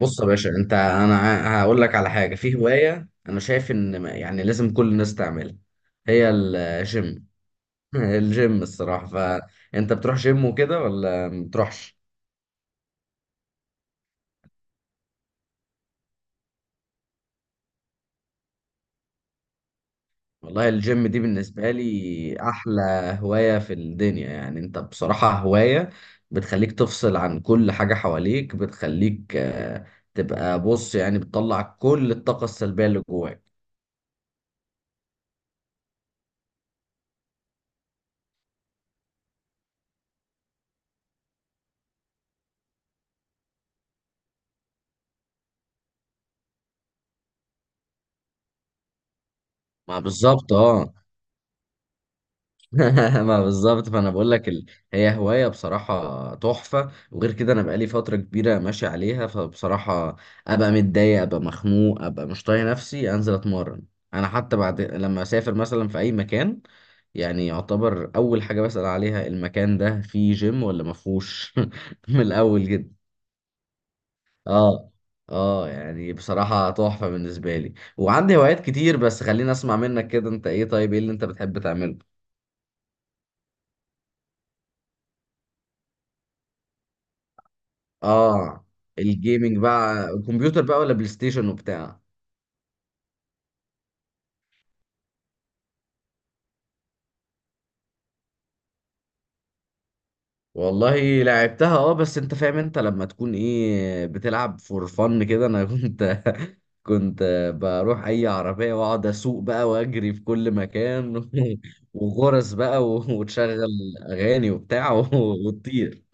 بص يا باشا، انت انا هقول لك على حاجه. في هوايه انا شايف ان يعني لازم كل الناس تعملها، هي الجيم. الجيم الصراحه، فانت بتروح جيم وكده ولا ما بتروحش؟ والله الجيم دي بالنسبه لي احلى هوايه في الدنيا. يعني انت بصراحه هوايه بتخليك تفصل عن كل حاجه حواليك، بتخليك تبقى، بص يعني، بتطلع كل الطاقه السلبيه اللي جواك. ما بالظبط، اه. ما بالظبط. فانا بقول لك هي هوايه بصراحه تحفه. وغير كده، انا بقالي فتره كبيره ماشي عليها، فبصراحه ابقى متضايق، ابقى مخنوق، ابقى مش طايق نفسي، انزل اتمرن. انا حتى بعد لما اسافر مثلا في اي مكان، يعني يعتبر اول حاجه بسال عليها، المكان ده فيه جيم ولا ما فيهوش. من الاول جدا. اه اه، يعني بصراحه تحفه بالنسبه لي، وعندي هوايات كتير، بس خليني اسمع منك كده. انت ايه؟ طيب ايه اللي انت بتحب تعمله؟ اه، الجيمنج بقى كمبيوتر بقى ولا بلاي ستيشن وبتاع؟ والله لعبتها اه، بس انت فاهم، انت لما تكون ايه بتلعب فور فن كده، انا كنت بروح اي عربية واقعد اسوق بقى واجري في كل مكان. وغرز بقى، وتشغل اغاني وبتاع. وتطير.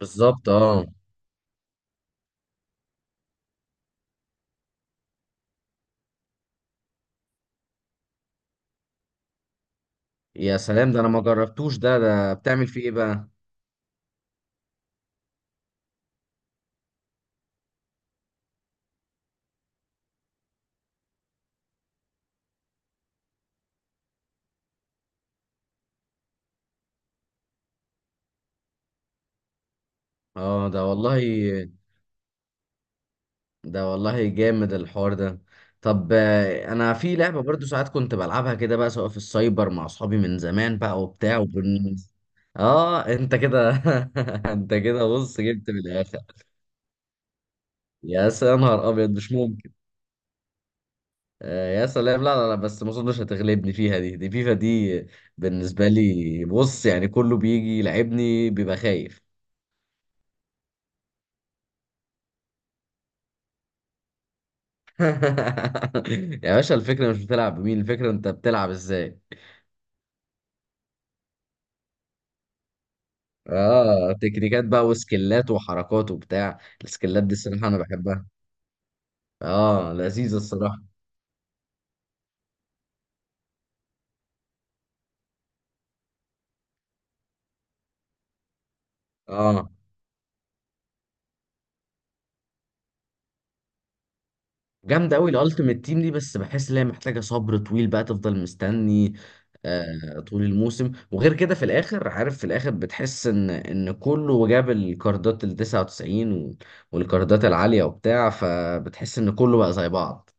بالظبط، اه. يا سلام، ده انا ما جربتوش ده بتعمل فيه ايه بقى؟ اه، ده والله، ده والله جامد الحوار ده. طب انا في لعبه برضو ساعات كنت بلعبها كده بقى، سواء في السايبر مع اصحابي من زمان بقى وبتاع اه، انت كده. انت كده، بص، جبت من الاخر. يا نهار ابيض، مش ممكن! آه يا سلام. لا لا لا، بس ما اظنش هتغلبني فيها دي فيفا دي بالنسبه لي. بص، يعني كله بيجي يلعبني بيبقى خايف. يا باشا، الفكره مش بتلعب بمين، الفكره انت بتلعب ازاي. اه، تكنيكات بقى وسكيلات وحركات وبتاع. السكيلات دي الصراحه انا بحبها. اه، لذيذه الصراحه. اه، جامده قوي الالتيميت تيم دي، بس بحس ان هي محتاجه صبر طويل بقى، تفضل مستني طول الموسم. وغير كده، في الاخر، عارف، في الاخر بتحس ان كله جاب الكاردات ال 99 والكاردات العاليه وبتاع، فبتحس ان كله بقى زي بعض.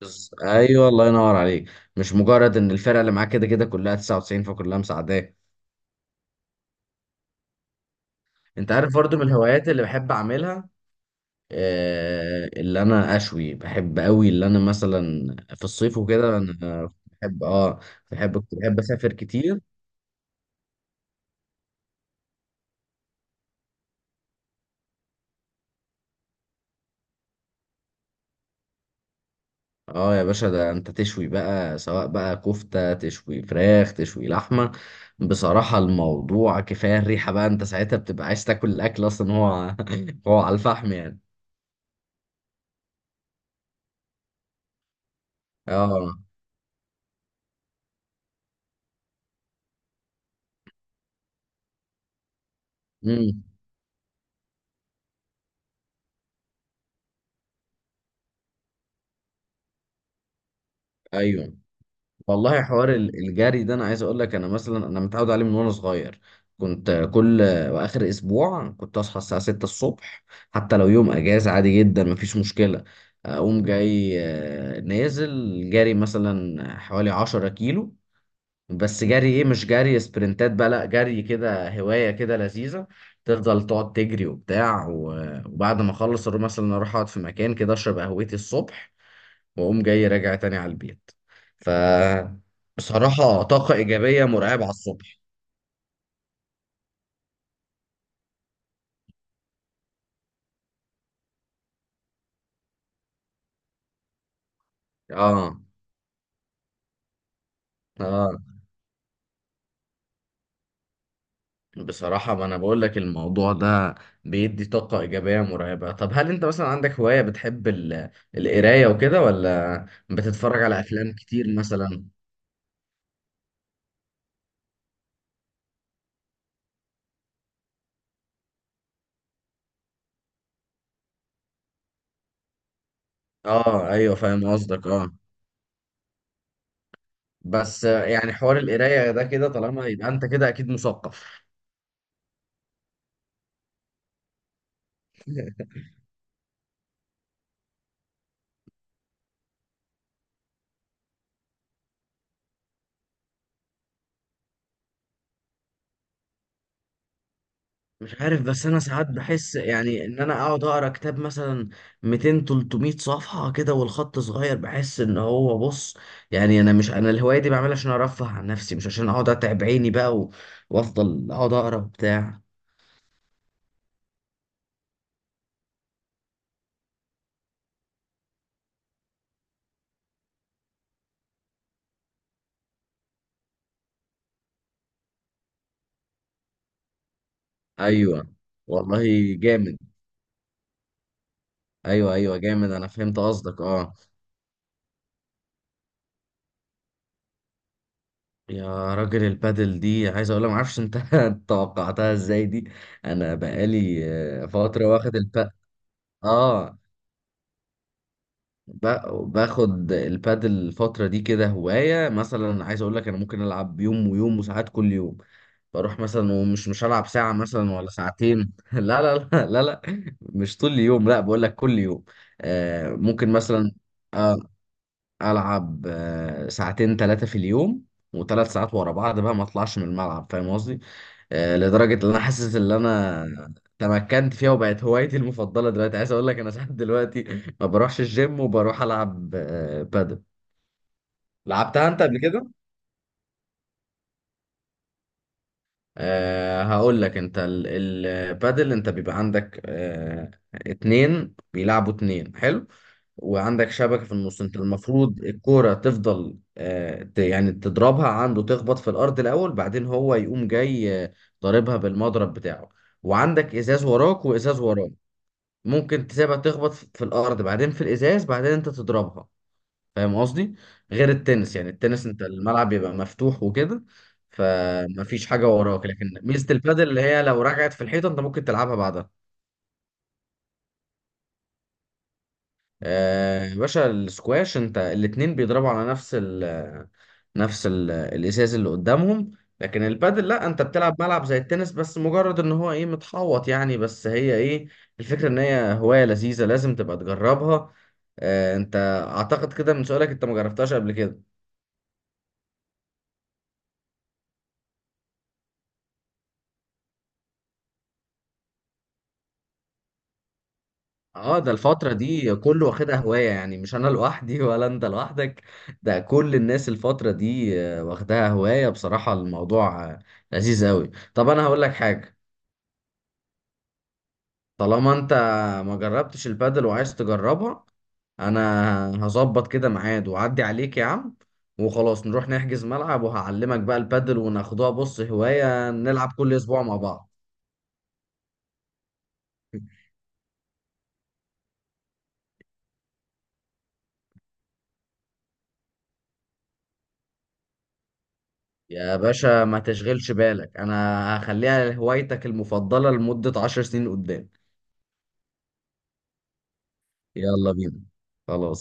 ايوه، الله ينور عليك. مش مجرد ان الفرقه اللي معاك كده كده كلها 99، فكلها مساعداه. انت عارف برضو من الهوايات اللي بحب اعملها، اللي انا اشوي بحب قوي، اللي انا مثلا في الصيف وكده، انا بحب اه بحب كنت بحب اسافر كتير. اه، يا باشا، ده انت تشوي بقى، سواء بقى كفتة تشوي، فراخ تشوي، لحمة. بصراحة الموضوع كفاية الريحة بقى، انت ساعتها بتبقى عايز تاكل الاكل اصلا، هو هو على الفحم يعني. اه، امم، ايوه. والله حوار الجري ده، انا عايز اقول لك، انا مثلا انا متعود عليه من وانا صغير. كنت كل واخر اسبوع كنت اصحى الساعه 6 الصبح، حتى لو يوم اجازه عادي جدا مفيش مشكله. اقوم جاي نازل جري مثلا حوالي 10 كيلو، بس جري ايه؟ مش جري سبرنتات بقى، لا، جري كده هوايه كده لذيذه. تفضل تقعد تجري وبتاع، وبعد ما اخلص اروح مثلا، اروح اقعد في مكان كده اشرب قهوتي الصبح، واقوم جاي راجع تاني على البيت. ف بصراحة طاقة إيجابية مرعبة على الصبح. اه اه، بصراحة ما أنا بقول لك الموضوع ده بيدي طاقة إيجابية مرعبة. طب هل أنت مثلا عندك هواية بتحب القراية وكده، ولا بتتفرج على أفلام كتير مثلا؟ اه، أيوه، فاهم قصدك، اه. بس يعني حوار القراية ده كده، طالما يبقى أنت كده أكيد مثقف. مش عارف، بس انا ساعات بحس يعني ان انا اقعد اقرا كتاب مثلا 200-300 صفحه كده، والخط صغير، بحس ان هو، بص يعني، انا مش، انا الهوايه دي بعملها عشان ارفه عن نفسي، مش عشان اقعد اتعب عيني بقى وافضل اقعد اقرا بتاع. ايوه، والله جامد. ايوه ايوه، جامد، انا فهمت قصدك، اه. يا راجل، البادل دي عايز اقول، ما اعرفش انت توقعتها ازاي دي. انا بقالي فتره واخد الب اه ب- باخد البادل الفترة دي كده هواية. مثلا عايز اقول لك، انا ممكن العب يوم ويوم وساعات كل يوم. بروح مثلا ومش مش هلعب ساعة مثلا ولا ساعتين. لا لا لا لا لا، مش طول اليوم، لا، بقول لك كل يوم. آه، ممكن مثلا آه، العب ساعتين ثلاثه في اليوم، وثلاث ساعات ورا بعض بقى، ما اطلعش من الملعب، فاهم قصدي. لدرجه ان انا حاسس ان انا تمكنت فيها وبقت هوايتي المفضله دلوقتي. عايز اقول لك، انا ساعات دلوقتي ما بروحش الجيم، وبروح العب بادل. لعبتها انت قبل كده؟ هقول لك، انت البادل، انت بيبقى عندك اتنين بيلعبوا اتنين، حلو. وعندك شبكة في النص، انت المفروض الكورة تفضل يعني تضربها عنده، تخبط في الأرض الأول، بعدين هو يقوم جاي ضاربها بالمضرب بتاعه. وعندك إزاز وراك وإزاز وراك، ممكن تسيبها تخبط في الأرض، بعدين في الإزاز، بعدين انت تضربها. فاهم قصدي؟ غير التنس، يعني التنس انت الملعب بيبقى مفتوح وكده، فمفيش حاجة وراك، لكن ميزة البادل اللي هي لو رجعت في الحيطة انت ممكن تلعبها بعدها. يا باشا، السكواش انت الاتنين بيضربوا على نفس ال نفس ال الازاز اللي قدامهم، لكن البادل لا، انت بتلعب ملعب زي التنس، بس مجرد ان هو ايه، متحوط يعني، بس هي ايه الفكرة، ان هي هواية لذيذة لازم تبقى تجربها. انت اعتقد كده من سؤالك انت ما جربتهاش قبل كده. اه، ده الفترة دي كله واخدها هواية، يعني مش انا لوحدي ولا انت لوحدك، ده كل الناس الفترة دي واخدها هواية. بصراحة الموضوع لذيذ قوي. طب انا هقول لك حاجة، طالما انت ما جربتش البادل وعايز تجربها، انا هظبط كده ميعاد واعدي عليك يا عم، وخلاص نروح نحجز ملعب وهعلمك بقى البادل، وناخدوها بص هواية، نلعب كل اسبوع مع بعض. يا باشا ما تشغلش بالك، انا هخليها هوايتك المفضلة لمدة 10 سنين قدام. يلا بينا، خلاص.